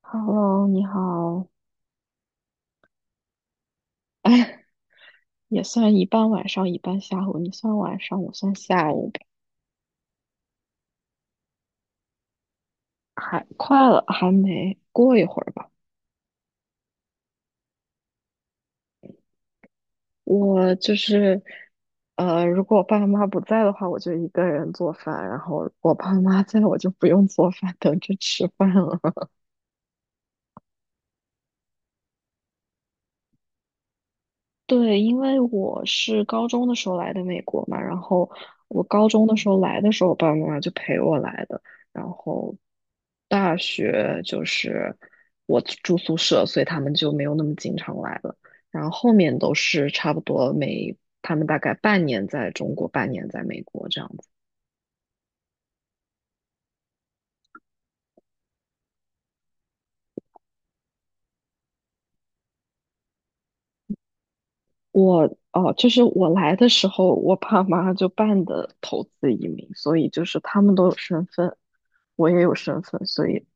Hello，你好。哎，也算一半晚上，一半下午。你算晚上，我算下午呗。还快了，还没过一会儿吧。我就是，如果我爸妈不在的话，我就一个人做饭；然后我爸妈在，我就不用做饭，等着吃饭了。对，因为我是高中的时候来的美国嘛，然后我高中的时候来的时候，我爸爸妈妈就陪我来的，然后大学就是我住宿舍，所以他们就没有那么经常来了，然后后面都是差不多每他们大概半年在中国，半年在美国这样子。我哦，就是我来的时候，我爸妈就办的投资移民，所以就是他们都有身份，我也有身份，所以。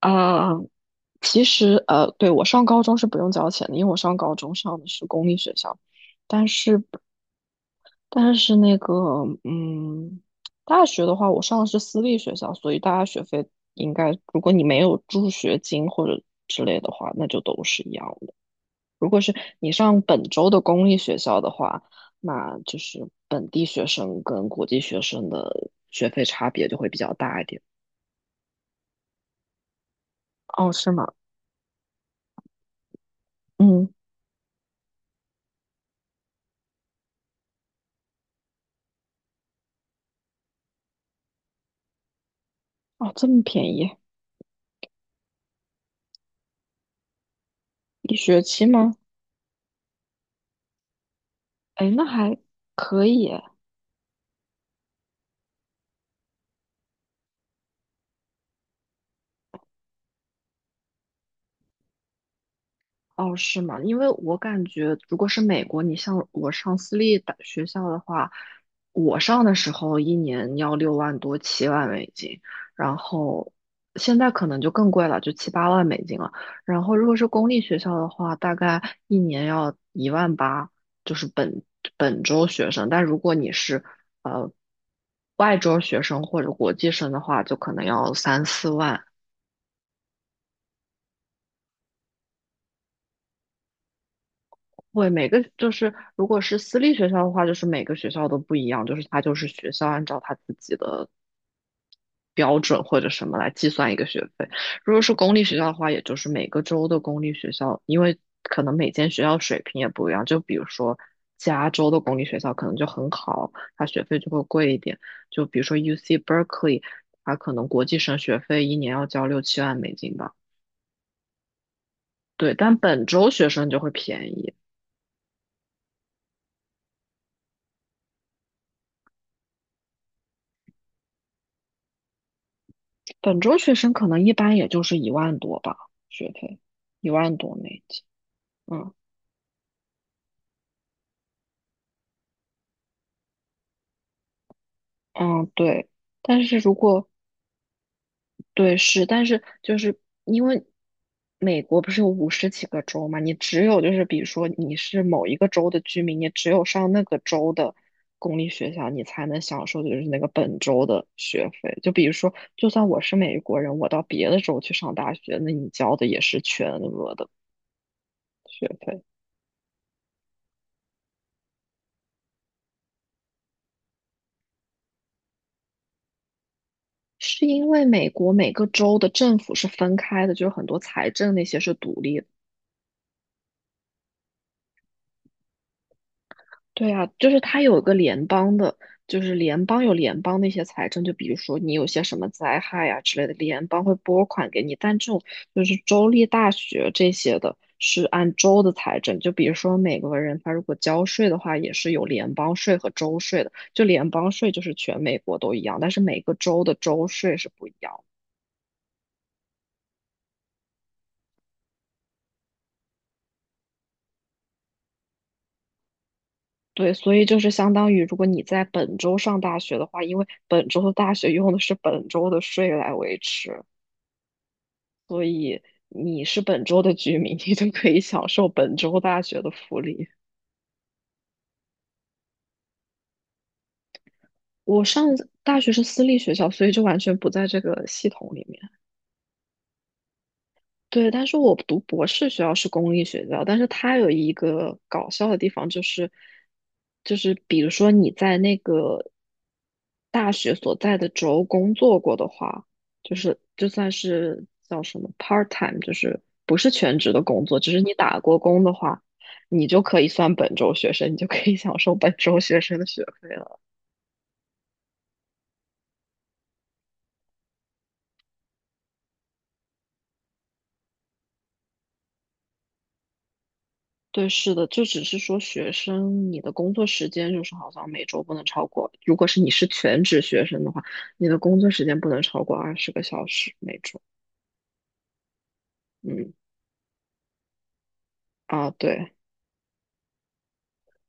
啊，其实，对，我上高中是不用交钱的，因为我上高中上的是公立学校，但是，但是那个，嗯，大学的话，我上的是私立学校，所以大家学费应该，如果你没有助学金或者之类的话，那就都是一样的。如果是你上本州的公立学校的话，那就是本地学生跟国际学生的学费差别就会比较大一点。哦，是吗？嗯，哦，这么便宜，一学期吗？哎，那还可以。哦，是吗？因为我感觉，如果是美国，你像我上私立大学校的话，我上的时候一年要6万多、7万美金，然后现在可能就更贵了，就7、8万美金了。然后如果是公立学校的话，大概一年要1万8，就是本州学生。但如果你是呃外州学生或者国际生的话，就可能要3、4万。会每个就是如果是私立学校的话，就是每个学校都不一样，就是它就是学校按照它自己的标准或者什么来计算一个学费。如果是公立学校的话，也就是每个州的公立学校，因为可能每间学校水平也不一样，就比如说加州的公立学校可能就很好，它学费就会贵一点。就比如说 UC Berkeley,它可能国际生学费一年要交6、7万美金吧。对，但本州学生就会便宜。本周学生可能一般也就是一万多吧，学费1万多美金。嗯嗯，对。但是如果对是，但是就是因为美国不是有50几个州嘛，你只有就是比如说你是某一个州的居民，你只有上那个州的公立学校，你才能享受就是那个本州的学费。就比如说，就算我是美国人，我到别的州去上大学，那你交的也是全额的学费。是因为美国每个州的政府是分开的，就是很多财政那些是独立的。对啊，就是它有一个联邦的，就是联邦有联邦那些财政，就比如说你有些什么灾害啊之类的，联邦会拨款给你。但这种就是州立大学这些的，是按州的财政。就比如说美国人他如果交税的话，也是有联邦税和州税的。就联邦税就是全美国都一样，但是每个州的州税是不一样的。对，所以就是相当于，如果你在本州上大学的话，因为本州的大学用的是本州的税来维持，你是本州的居民，你就可以享受本州大学的福利。我上大学是私立学校，所以就完全不在这个系统里面。对，但是我读博士学校是公立学校，但是它有一个搞笑的地方，就是比如说你在那个大学所在的州工作过的话，就是就算是叫什么 part time,就是不是全职的工作，只是你打过工的话，你就可以算本州学生，你就可以享受本州学生的学费。对，是的，就只是说学生，你的工作时间就是好像每周不能超过，如果是你是全职学生的话，你的工作时间不能超过二十个小时每周。嗯，啊，对，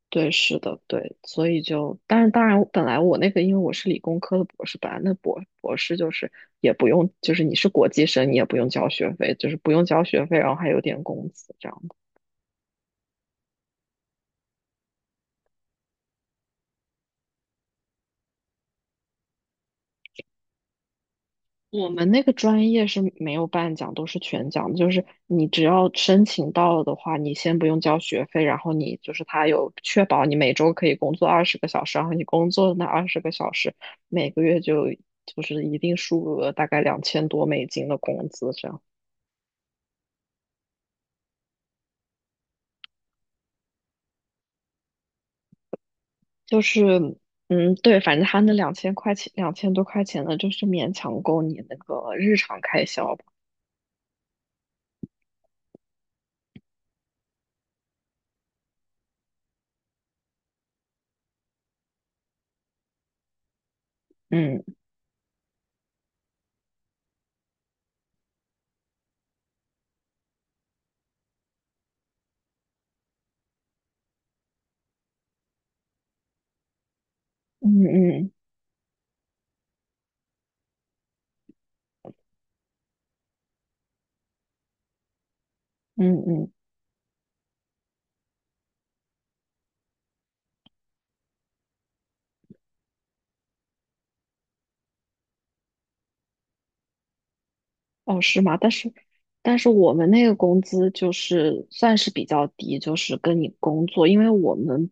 对，是的，对，所以就，但是当然，本来我那个，因为我是理工科的博士，本来那博士就是也不用，就是你是国际生，你也不用交学费，就是不用交学费，然后还有点工资这样。我们那个专业是没有半奖，都是全奖的就是你只要申请到了的话，你先不用交学费，然后你就是他有确保你每周可以工作二十个小时，然后你工作的那二十个小时，每个月就是一定数额，大概2000多美金的工资这样。就是嗯，对，反正他那2000块钱，2000多块钱呢，就是勉强够你那个日常开销吧。嗯嗯嗯嗯嗯。哦，是吗？但是，但是我们那个工资就是算是比较低，就是跟你工作，因为我们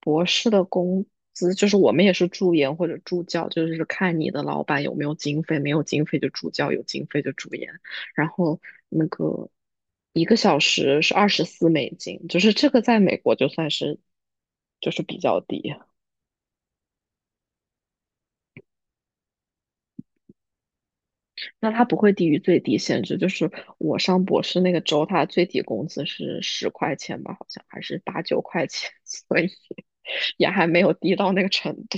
博士的工资就是我们也是助研或者助教，就是看你的老板有没有经费，没有经费就助教，有经费就助研。然后那个一个小时是24美金，就是这个在美国就算是就是比较低。那它不会低于最低限制，就是我上博士那个周，它最低工资是10块钱吧，好像还是8、9块钱，所以也还没有低到那个程度。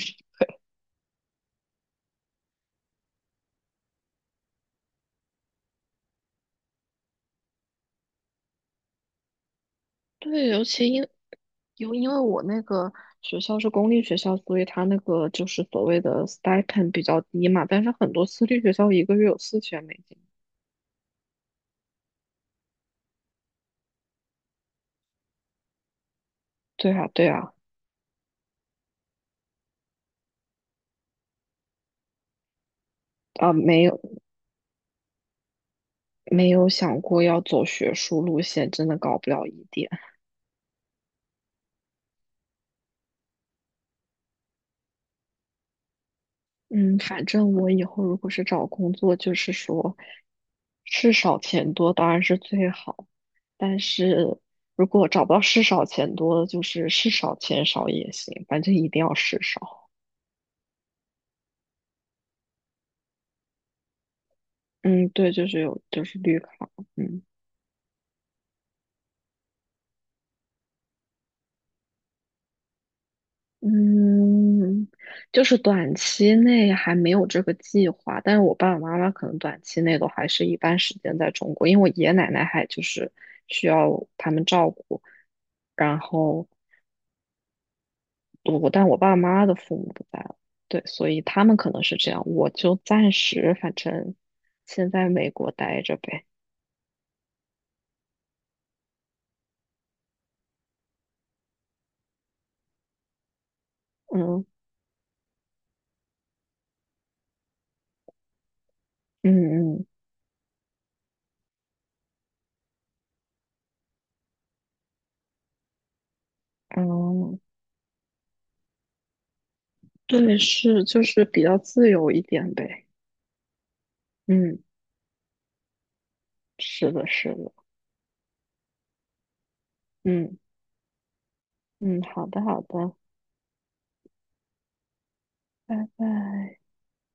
对，尤其因为我那个学校是公立学校，所以它那个就是所谓的 stipend 比较低嘛，但是很多私立学校一个月有4000美金。对啊，对啊，啊，没有没有想过要走学术路线，真的搞不了一点。嗯，反正我以后如果是找工作，就是说，事少钱多当然是最好，但是如果找不到事少钱多的，就是事少钱少也行，反正一定要事少。嗯，对，就是有，就是绿卡，嗯嗯，就是短期内还没有这个计划，但是我爸爸妈妈可能短期内都还是一般时间在中国，因为我爷爷奶奶还就是需要他们照顾。然后我爸妈的父母不在了，对，所以他们可能是这样，我就暂时反正先在美国待着呗。嗯嗯嗯嗯，对，是就是比较自由一点呗。嗯，是的，是的。嗯嗯，好的好的，拜拜。